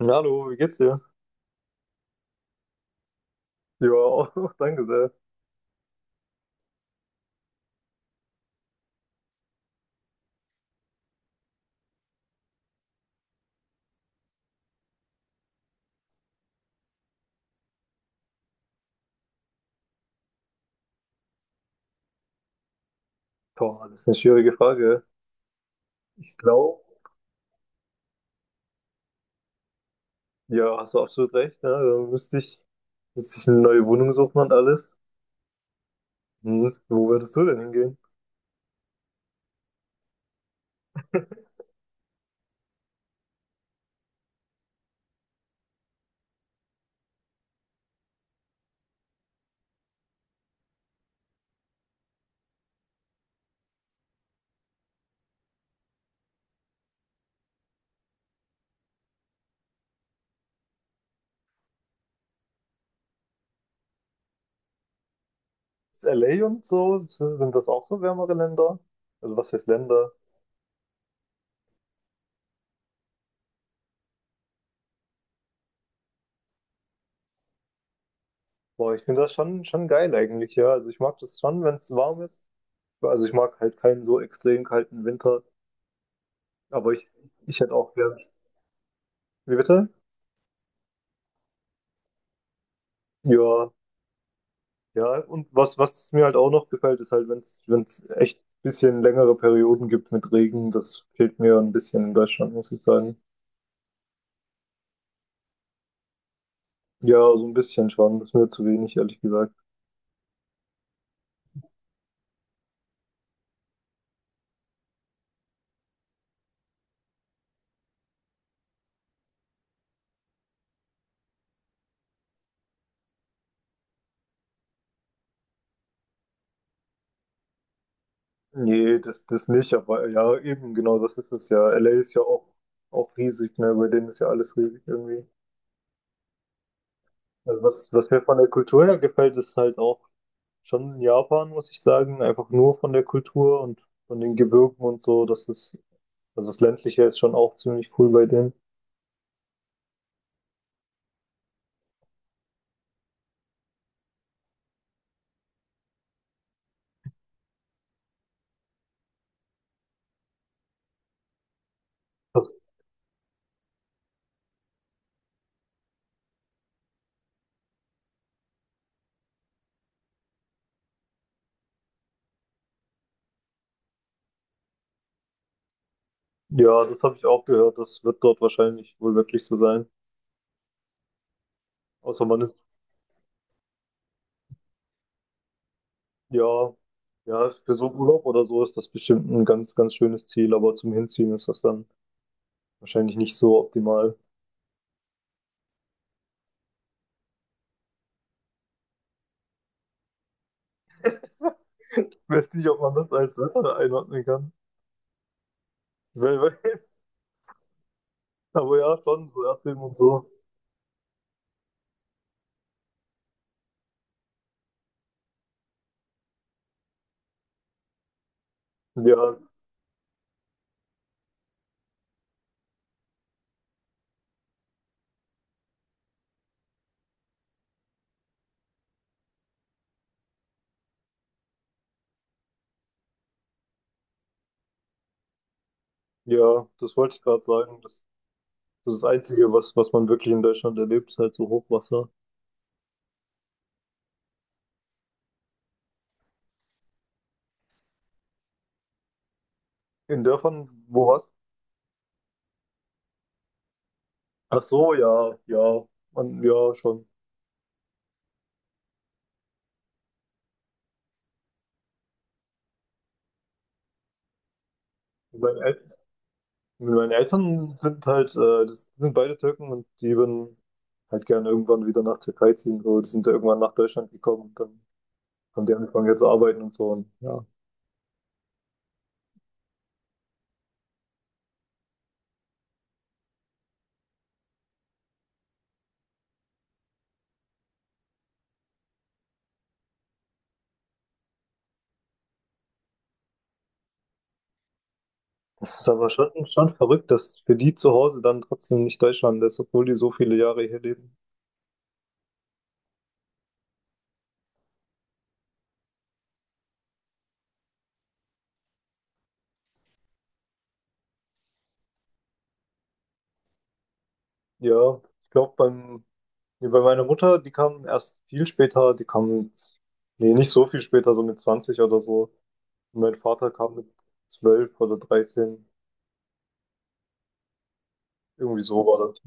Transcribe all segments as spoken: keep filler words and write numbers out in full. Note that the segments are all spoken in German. Na, Hallo, wie geht's dir? Ja, auch danke sehr. Boah, das ist eine schwierige Frage. Ich glaube, ja, hast du absolut recht. Ne? Da müsste ich, müsste ich eine neue Wohnung suchen und alles. Hm. Wo würdest du denn hingehen? Ist L A und so, sind sind das auch so wärmere Länder? Also was heißt Länder? Boah, ich finde das schon, schon geil eigentlich, ja. Also ich mag das schon, wenn es warm ist. Also ich mag halt keinen so extrem kalten Winter, aber ich, ich hätte auch gern. Wie bitte? Ja, ja, und was, was mir halt auch noch gefällt, ist halt, wenn es, wenn es echt ein bisschen längere Perioden gibt mit Regen, das fehlt mir ein bisschen in Deutschland, muss ich sagen. Ja, so ein bisschen schon, das ist mir zu wenig, ehrlich gesagt. Nee, das, das nicht, aber ja, eben, genau, das ist es ja. L A ist ja auch, auch riesig, ne, bei denen ist ja alles riesig irgendwie. Also was, was mir von der Kultur her gefällt, ist halt auch schon Japan, muss ich sagen, einfach nur von der Kultur und von den Gebirgen und so, das ist, also das Ländliche ist schon auch ziemlich cool bei denen. Was, Ja, das habe ich auch gehört. Das wird dort wahrscheinlich wohl wirklich so sein. Außer man ist, ja, ja, für so Urlaub oder so ist das bestimmt ein ganz, ganz schönes Ziel, aber zum Hinziehen ist das dann wahrscheinlich nicht so optimal. Ich weiß nicht, ob man das als Wetter einordnen kann. Wer weiß. Aber ja, schon, so Erdbeben und so. Ja, ja, das wollte ich gerade sagen. Das, das ist das Einzige, was, was man wirklich in Deutschland erlebt, ist halt so Hochwasser. In Dörfern, wo was? Ach so, ja, ja, man, ja, schon. Bei Meine Eltern sind halt, äh, das sind beide Türken und die würden halt gerne irgendwann wieder nach Türkei ziehen. So, die sind ja irgendwann nach Deutschland gekommen und dann haben die angefangen jetzt zu arbeiten und so. Und ja, das ist aber schon, schon verrückt, dass für die zu Hause dann trotzdem nicht Deutschland ist, obwohl die so viele Jahre hier leben. Ja, ich glaube, beim, nee, bei meiner Mutter, die kam erst viel später, die kam mit, nee, nicht so viel später, so mit zwanzig oder so. Und mein Vater kam mit zwölf oder dreizehn. Irgendwie so war das.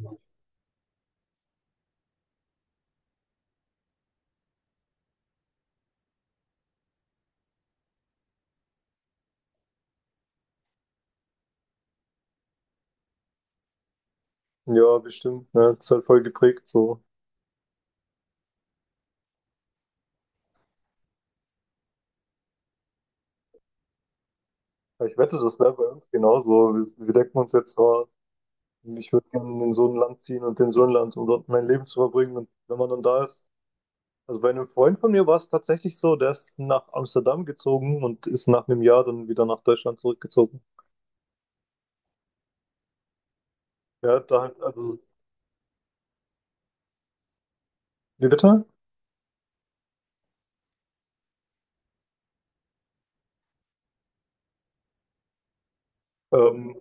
Ja, bestimmt, ne? Das ist halt voll geprägt so. Aber ich wette, das wäre bei uns genauso. Wir, wir denken uns jetzt, oh, ich würde gerne in so ein Land ziehen und in so ein Land, um dort mein Leben zu verbringen. Und wenn man dann da ist, also bei einem Freund von mir war es tatsächlich so, der ist nach Amsterdam gezogen und ist nach einem Jahr dann wieder nach Deutschland zurückgezogen. Ja, da halt, also, wie bitte? Ähm,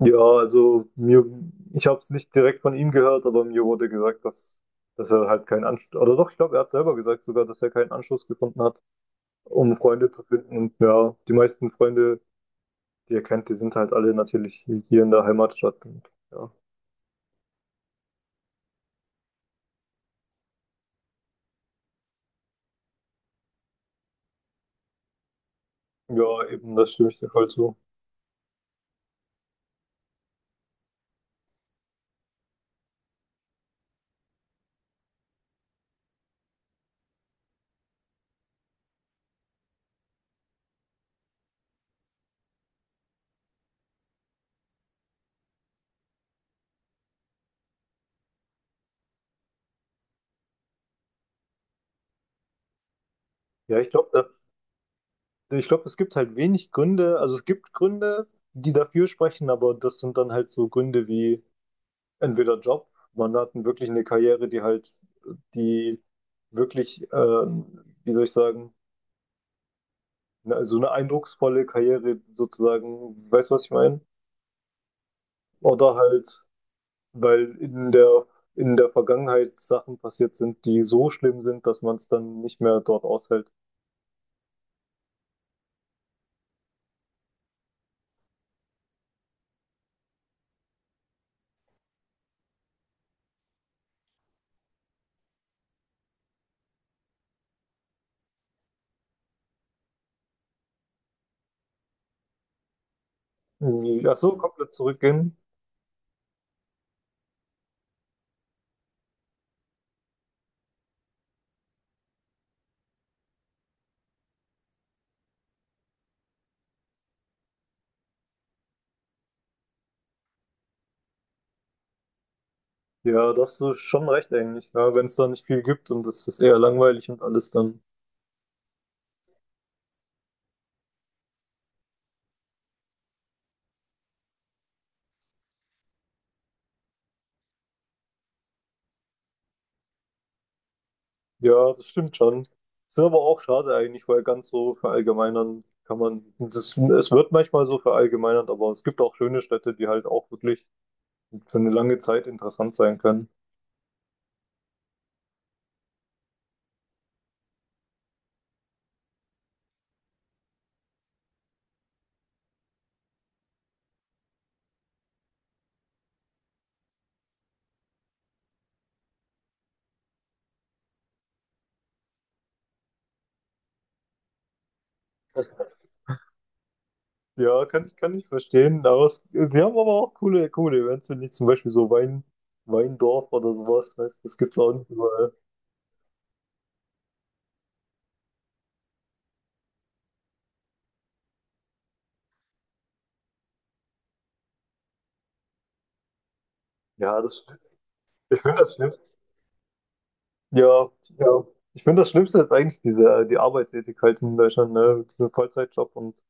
ja, also mir, ich habe es nicht direkt von ihm gehört, aber mir wurde gesagt, dass, dass er halt keinen Anschluss, oder doch, ich glaube, er hat selber gesagt sogar, dass er keinen Anschluss gefunden hat. Um Freunde zu finden. Und ja, die meisten Freunde, die ihr kennt, die sind halt alle natürlich hier in der Heimatstadt. Und ja, ja, eben, das stimme ich dir voll zu. Ja, ich glaube, ich glaube, es gibt halt wenig Gründe, also es gibt Gründe, die dafür sprechen, aber das sind dann halt so Gründe wie entweder Job, man hat wirklich eine Karriere, die halt, die wirklich, ähm, wie soll ich sagen, na, so eine eindrucksvolle Karriere sozusagen, weißt du, was ich meine? Oder halt weil in der, in der Vergangenheit Sachen passiert sind, die so schlimm sind, dass man es dann nicht mehr dort aushält. Irgendwie, Ach so, komplett zurückgehen. Ja, das ist schon recht eigentlich. Ja, wenn es da nicht viel gibt und es ist eher langweilig und alles, dann ja, das stimmt schon. Ist aber auch schade eigentlich, weil ganz so verallgemeinern kann man, das, es wird manchmal so verallgemeinert, aber es gibt auch schöne Städte, die halt auch wirklich für eine lange Zeit interessant sein können. Ja, kann ich, kann ich verstehen. Aber es, sie haben aber auch coole, coole Events, wenn nicht zum Beispiel so Wein, Weindorf oder sowas, weißt, das gibt's auch nicht überall. Ja, das, ich finde das Schlimmste. Ja, ja. Ich finde das Schlimmste ist eigentlich diese, die Arbeitsethik halt in Deutschland, ne? Dieser Vollzeitjob und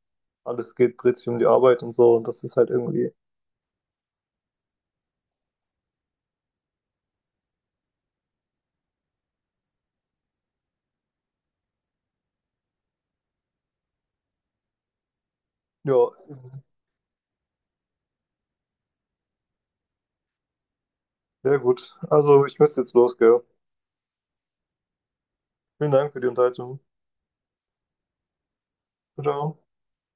alles geht, dreht sich um die Arbeit und so. Und das ist halt irgendwie, ja, sehr gut. Also, ich müsste jetzt los, gell? Vielen Dank für die Unterhaltung. Ciao.